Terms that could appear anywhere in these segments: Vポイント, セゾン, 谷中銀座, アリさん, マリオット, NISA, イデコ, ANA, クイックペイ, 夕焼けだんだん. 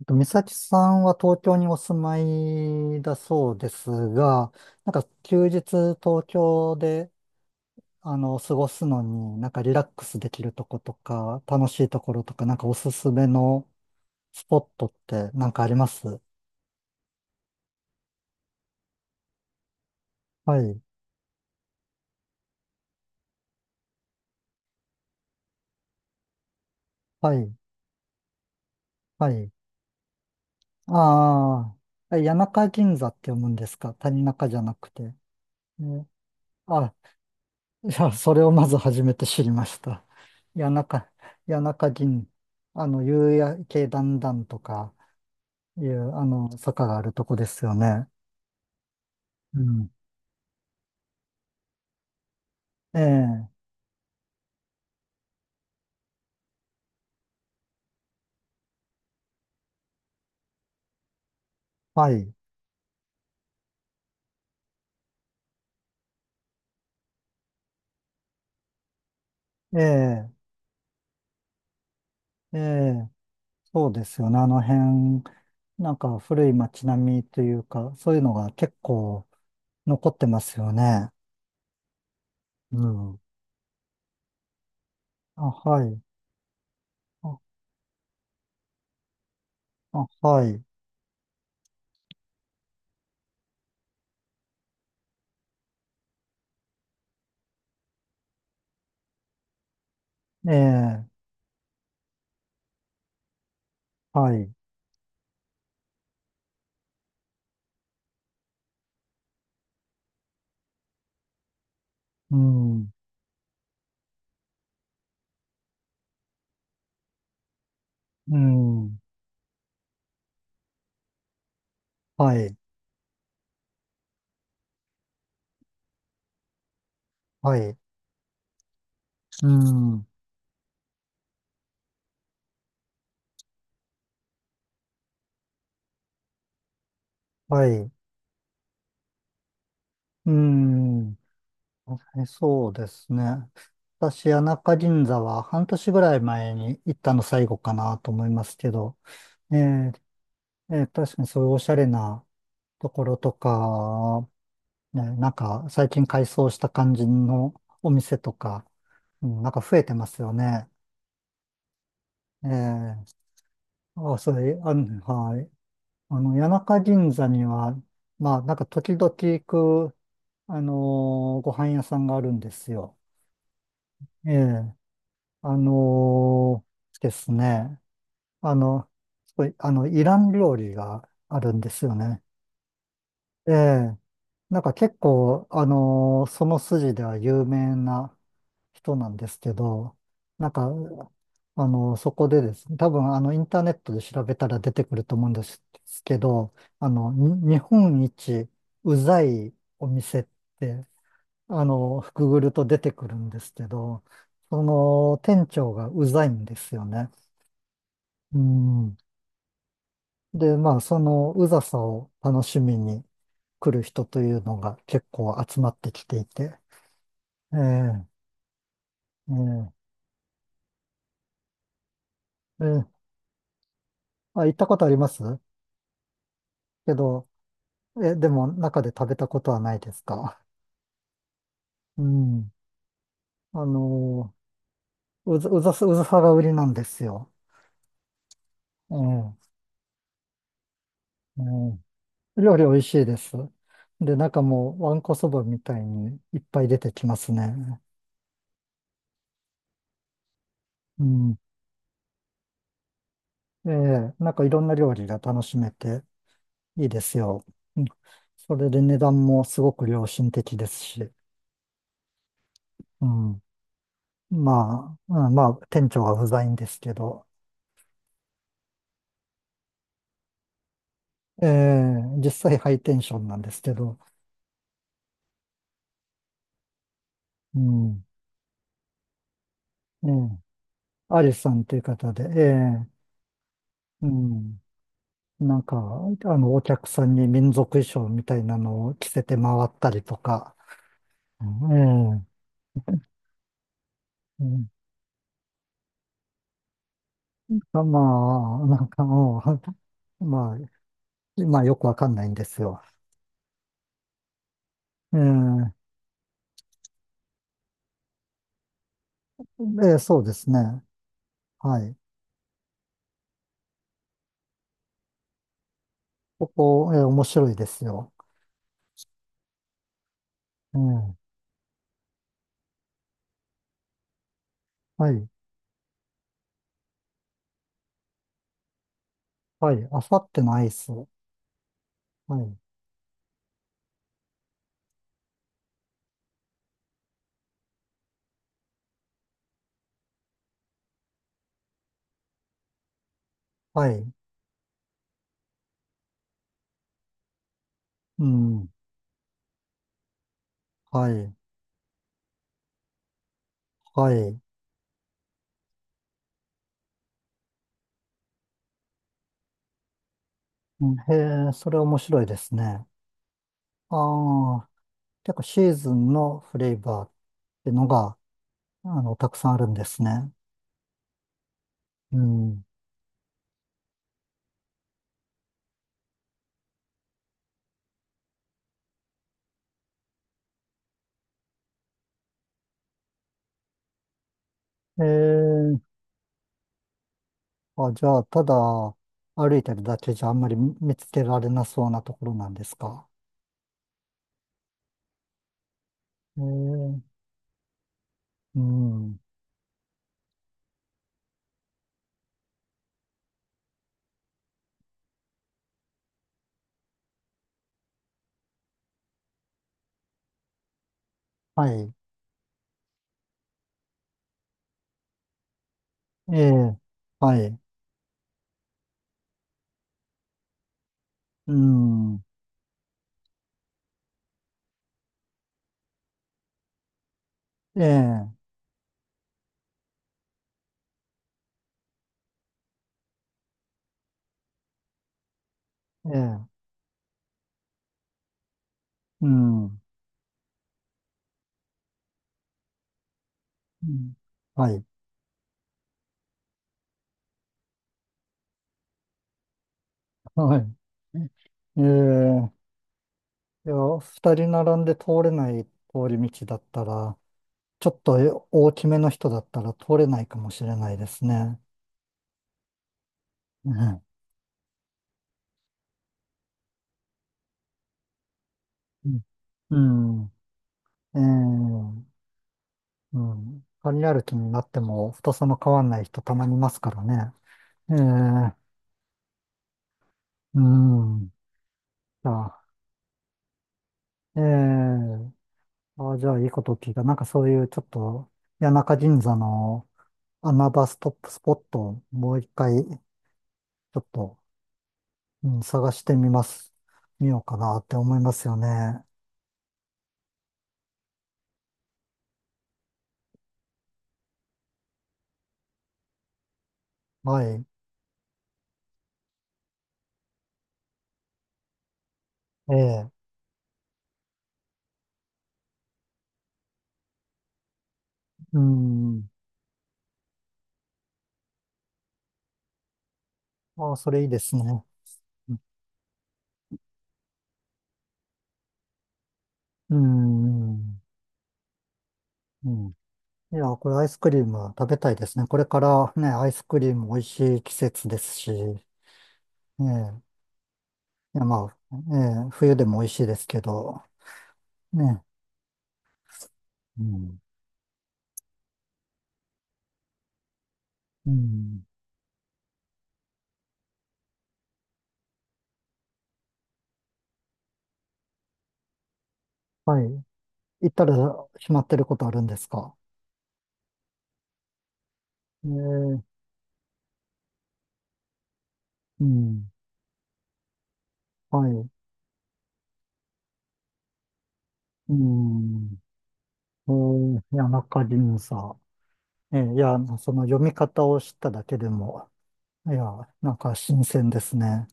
美咲さんは東京にお住まいだそうですが、なんか休日東京で、過ごすのに、なんかリラックスできるとことか、楽しいところとか、なんかおすすめのスポットってなんかあります？はい、はい、はい。ああ、谷中銀座って読むんですか？谷中じゃなくて。ね、あ、いや、それをまず初めて知りました。谷中、谷中銀、夕焼けだんだんとか、いう、坂があるとこですよね。うん。ええ、はい。ええ、ええ、そうですよね。あの辺、なんか古い街並みというか、そういうのが結構残ってますよね。うん。あ、はい。あ、あ、はい。ええ、はい。うん。うん。はい。はい。うん。はい。うん。はい、そうですね。私、谷中銀座は半年ぐらい前に行ったの最後かなと思いますけど、えー確かにそういうおしゃれなところとか、ね、なんか最近改装した感じのお店とか、うん、なんか増えてますよね。えーあ、それ、はい。谷中銀座には、まあ、なんか時々行く、あのご飯屋さんがあるんですよ。ええ、ですね。あの、すごい、イラン料理があるんですよね。ええ。なんか結構、その筋では有名な人なんですけど、なんか、そこでですね、多分、インターネットで調べたら出てくると思うんですけど、に日本一うざいお店って、くぐると出てくるんですけど、その店長がうざいんですよね。うん。で、まあ、そのうざさを楽しみに来る人というのが結構集まってきていて。ええ、ええ、ええ、あ、行ったことありますけど、え、でも中で食べたことはないですか？うん。あのうざ、うざさ、うざさが売りなんですよ。ええ、ええ、料理美味しいです。で、中もわんこそばみたいにいっぱい出てきますね。うん。ええ、なんかいろんな料理が楽しめて。いいですよ。うん。それで値段もすごく良心的ですし、うん。まあ、うん、まあ、店長は不在んですけど、ええ、実際ハイテンションなんですけど、うん。ええ、アリさんという方で、ええ、うん。なんか、お客さんに民族衣装みたいなのを着せて回ったりとか、うん、ええ、うん、まあ、なんかもう、まあ、まあよくわかんないんですよ。ええ、ええ、そうですね。はい。ここ、面白いですよ。うん。はい。はい。あさってのアイス。はい。はい。うん。はい。はい。うん、へえ、それ面白いですね。ああ、結構シーズンのフレーバーってのが、たくさんあるんですね。うん。ええ、あ、じゃあ、ただ歩いてるだけじゃあんまり見つけられなそうなところなんですか？ええ、うん。はい。ええ、はい。うん。ええ、ええ、うん。うん、はい、はい。ええ、いや、二人並んで通れない通り道だったら、ちょっと大きめの人だったら通れないかもしれないですね。うん。うん。うん、ええ、うん。旅歩きになっても太さの変わんない人たまにいますからね。ええ、うん。じゃあ、ええ、あ、じゃあいいこと聞いた。なんかそういうちょっと、谷中銀座の穴場ストップスポットをもう一回ちょっと、うん、探してみます。見ようかなって思いますよね。はい。ええ。うん。ああ、それいいですね。うん。うん。いや、これアイスクリーム食べたいですね。これからね、アイスクリーム美味しい季節ですし、ええ。いや、まあ、ええ、冬でも美味しいですけど、ね。うん。うん。はい。行ったら決まってることあるんですか？ええ。うん。はい。うーん。谷中輪差。いや、その読み方を知っただけでも、いや、なんか新鮮ですね。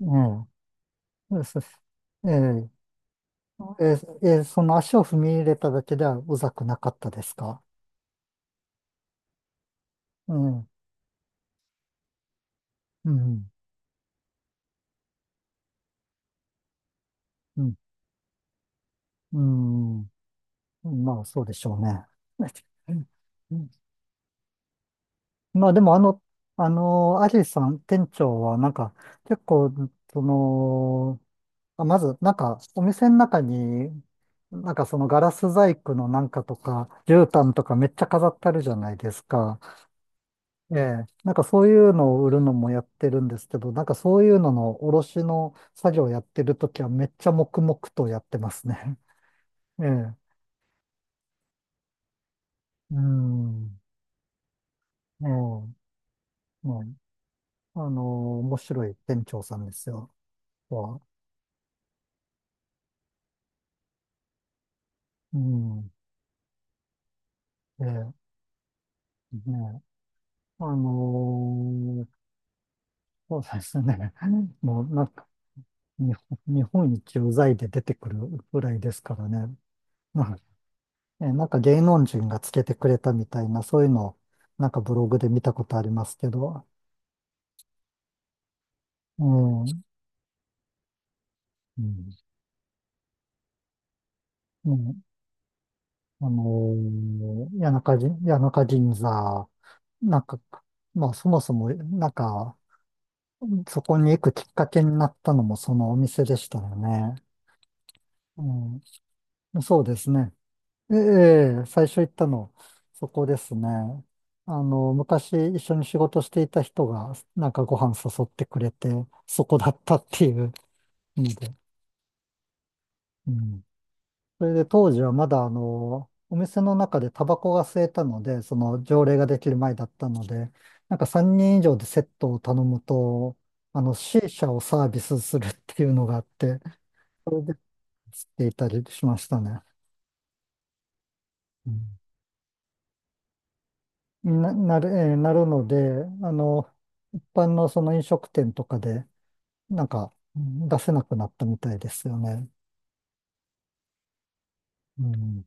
ええ、そ、ええ、ええ、えー、その足を踏み入れただけではうざくなかったですか？ええ、うん。うん。うん。うん、まあ、そうでしょうね。うん、まあ、でも、アリさん、店長は、なんか、結構、その、あまず、なんか、お店の中に、なんかそのガラス細工のなんかとか、絨毯とかめっちゃ飾ってあるじゃないですか。ええ。なんかそういうのを売るのもやってるんですけど、なんかそういうのの卸の作業やってるときはめっちゃ黙々とやってますね。ええ。うん。ええ。うん。あの面白い店長さんですよ。は。うん。ええ。ねえ。あのそうですね。もうなんか日本、日本一うざいで出てくるぐらいですからね。はい、え、なんか芸能人がつけてくれたみたいな、そういうのをなんかブログで見たことありますけど、うん、うん、うん、あの谷中銀座、なんか、まあそもそも、なんか、そこに行くきっかけになったのもそのお店でしたよね。うん、そうですね。ええ、最初行ったの、そこですね。昔一緒に仕事していた人が、なんかご飯誘ってくれて、そこだったっていうので。うん。それで当時はまだ、お店の中でタバコが吸えたので、その条例ができる前だったので、なんか3人以上でセットを頼むと、C 社をサービスするっていうのがあって、それで吸っていたりしましたね。なるので、一般のその飲食店とかで、なんか、うん、出せなくなったみたいですよね。うん。